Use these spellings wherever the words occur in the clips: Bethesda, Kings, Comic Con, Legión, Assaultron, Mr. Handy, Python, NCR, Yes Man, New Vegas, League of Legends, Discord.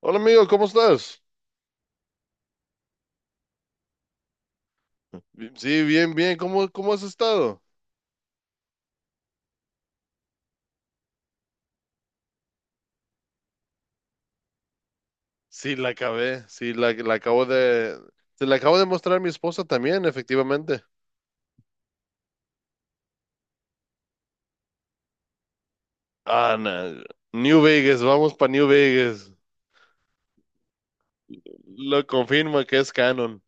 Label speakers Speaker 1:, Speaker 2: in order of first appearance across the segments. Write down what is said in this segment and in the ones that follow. Speaker 1: Hola amigo, ¿cómo estás? Sí, bien, bien. ¿Cómo has estado? Sí, la acabé. Sí, la acabo de... Se la acabo de mostrar a mi esposa también, efectivamente. Ah, no. New Vegas, vamos para New Vegas. Lo confirma que es canon.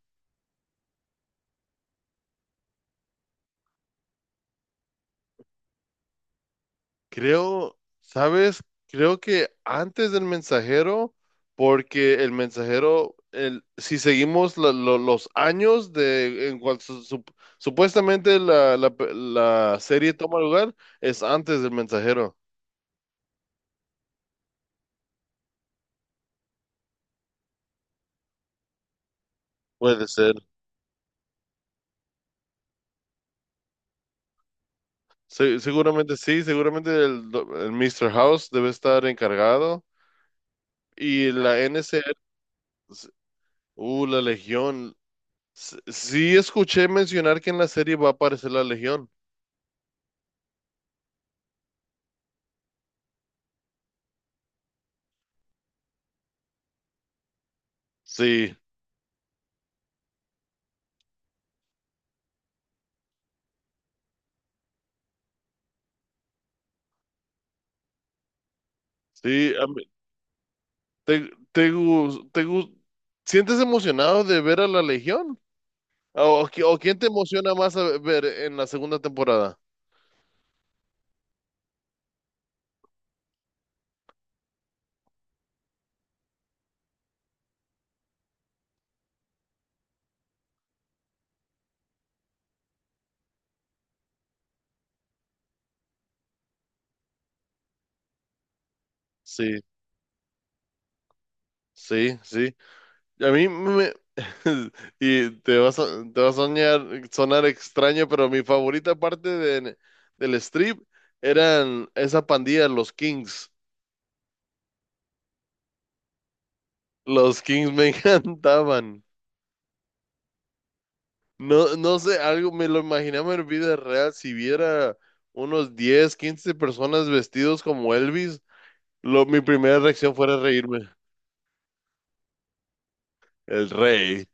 Speaker 1: Creo, ¿sabes? Creo que antes del mensajero, porque el mensajero, si seguimos los años de en cual supuestamente la serie toma lugar, es antes del mensajero. Puede ser. Seguramente sí, seguramente el Mr. House debe estar encargado. Y la N NCR, la Legión. Sí escuché mencionar que en la serie va a aparecer la Legión. Sí, sí. ¿Te, te, gus- te gus- Sientes emocionado de ver a la Legión? O qui- o Quién te emociona más a ver en la segunda temporada? Sí, sí, sí. A mí me y te vas a, te va a soñar, sonar extraño, pero mi favorita parte del strip eran esa pandilla, los Kings. Los Kings me encantaban. No, no sé, algo me lo imaginaba en vida real. Si viera unos 10 15 personas vestidos como Elvis, mi primera reacción fuera reírme. El rey.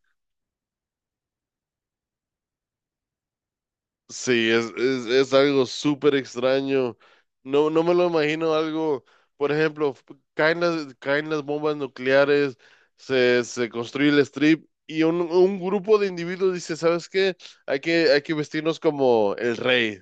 Speaker 1: Sí, es algo súper extraño. No, no me lo imagino algo, por ejemplo, caen las bombas nucleares, se construye el strip y un grupo de individuos dice, ¿sabes qué? Hay que vestirnos como el rey.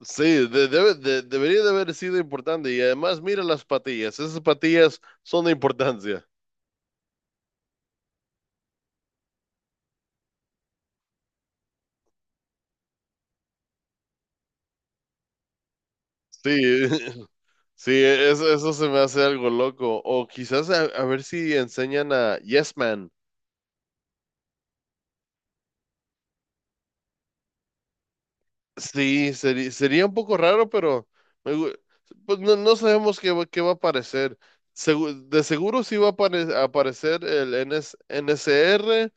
Speaker 1: Sí, debería de haber sido importante. Y además, mira las patillas. Esas patillas son de importancia. Sí. Sí, eso se me hace algo loco. O quizás a ver si enseñan a Yes Man. Sí, sería un poco raro, pero me gu- pues no sabemos qué, qué va a aparecer. De seguro sí va a aparecer el N S N S R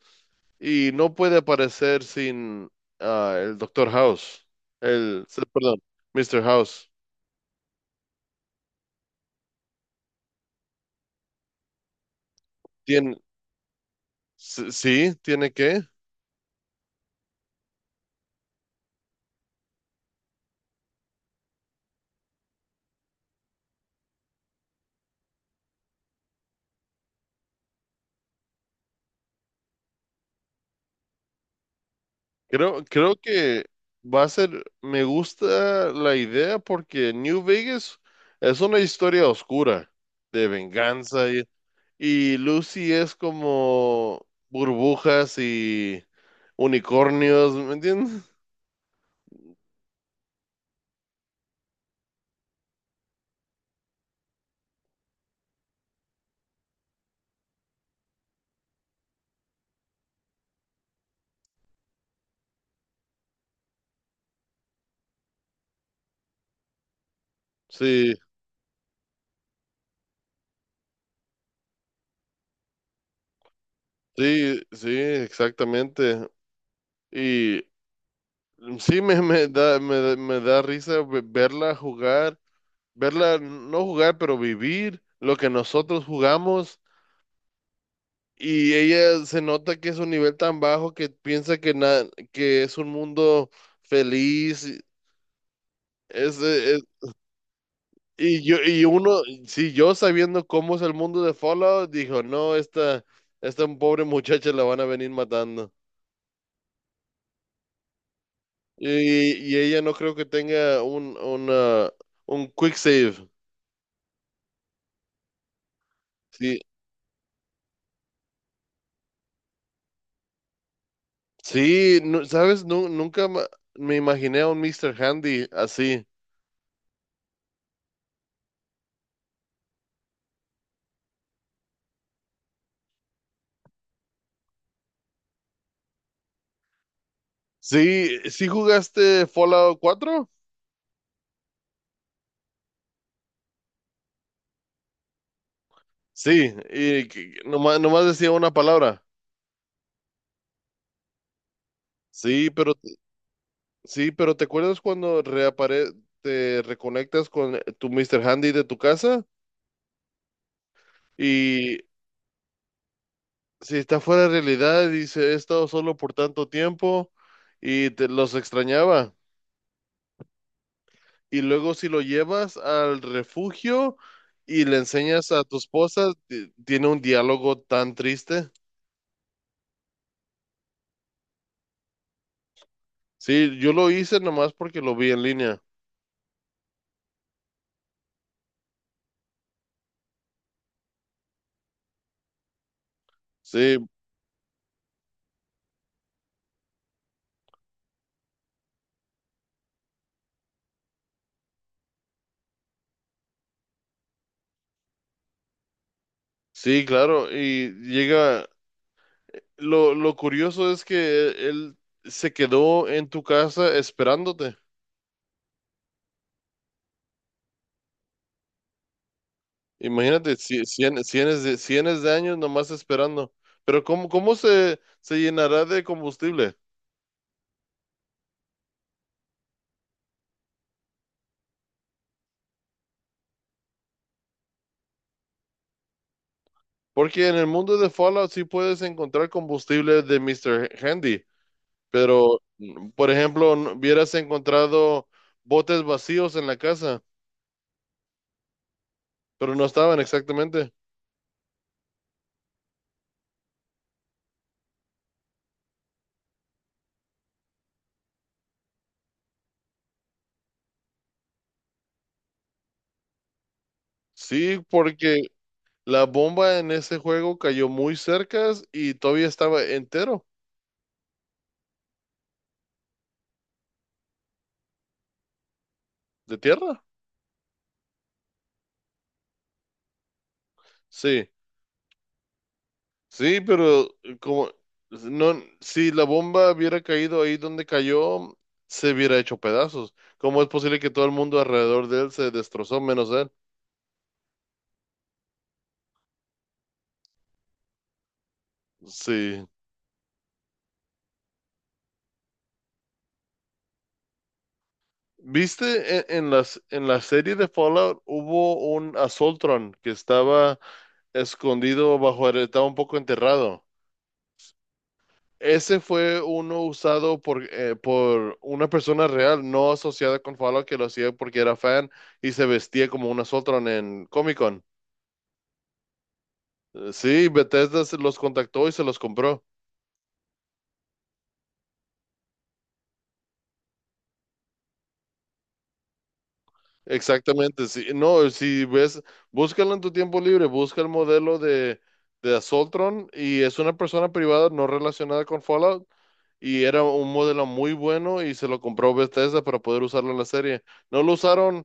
Speaker 1: y no puede aparecer sin el Doctor House. Perdón, Mister House. Tien- sí, tiene que. Creo que va a ser, me gusta la idea porque New Vegas es una historia oscura de venganza y Lucy es como burbujas y unicornios, ¿me entiendes? Sí, sí, sí, exactamente. Y sí me da risa verla jugar, verla no jugar, pero vivir lo que nosotros jugamos. Y ella se nota que es un nivel tan bajo que piensa que, que es un mundo feliz. Es, es- e, e, y yo, y uno, sí, yo sabiendo cómo es el mundo de Fallout, dijo, no, esta pobre muchacha la van a venir matando. Y ella no creo que tenga un, una, un quick save. Sí, sí, sabes, Nu- nunca ma- me imaginé a un Mister Handy así. Sí, sí jugaste Fallout 4. Sí, y que nomás decía una palabra. Sí, pero sí, pero ¿te acuerdas cuando reapare te reconectas con tu Mr. Handy de tu casa? Y si está fuera de realidad, dice, he estado solo por tanto tiempo y te los extrañaba. Y luego si lo llevas al refugio y le enseñas a tu esposa, tiene un diálogo tan triste. Sí, yo lo hice nomás porque lo vi en línea. Sí, sí, claro. Y llega. Lo curioso es que él se quedó en tu casa esperándote. Imagínate, cienes de años nomás esperando. Pero ¿cómo se llenará de combustible? Porque en el mundo de Fallout sí puedes encontrar combustible de Mr. Handy, pero, por ejemplo, hubieras encontrado botes vacíos en la casa, pero no estaban exactamente. Sí, porque la bomba en ese juego cayó muy cerca y todavía estaba entero. ¿De tierra? Sí, sí, pero como no, si la bomba hubiera caído ahí donde cayó, se hubiera hecho pedazos. ¿Cómo es posible que todo el mundo alrededor de él se destrozó menos él? Sí. ¿Viste en la serie de Fallout hubo un Assaultron que estaba escondido bajo, estaba un poco enterrado? Ese fue uno usado por una persona real, no asociada con Fallout, que lo hacía porque era fan y se vestía como una Sotron en Comic Con. Sí, Bethesda se los contactó y se los compró. Exactamente, sí. No, si ves, búscalo en tu tiempo libre, busca el modelo de Assaultron y es una persona privada no relacionada con Fallout y era un modelo muy bueno y se lo compró Bethesda para poder usarlo en la serie. No lo usaron.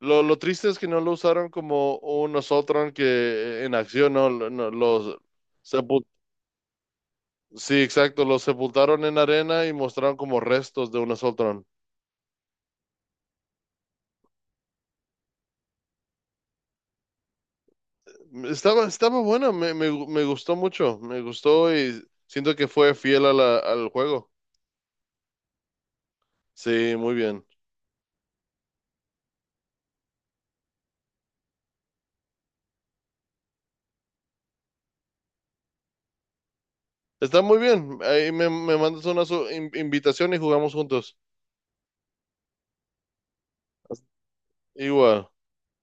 Speaker 1: Lo triste es que no lo usaron como un Nosotros que en acción, ¿no? Sepul- sí, exacto, los sepultaron en arena y mostraron como restos de un Nosotros. Estaba bueno, me gustó mucho, me gustó y siento que fue fiel a al juego. Sí, muy bien. Está muy bien. Ahí me mandas una invitación y jugamos juntos. Igual.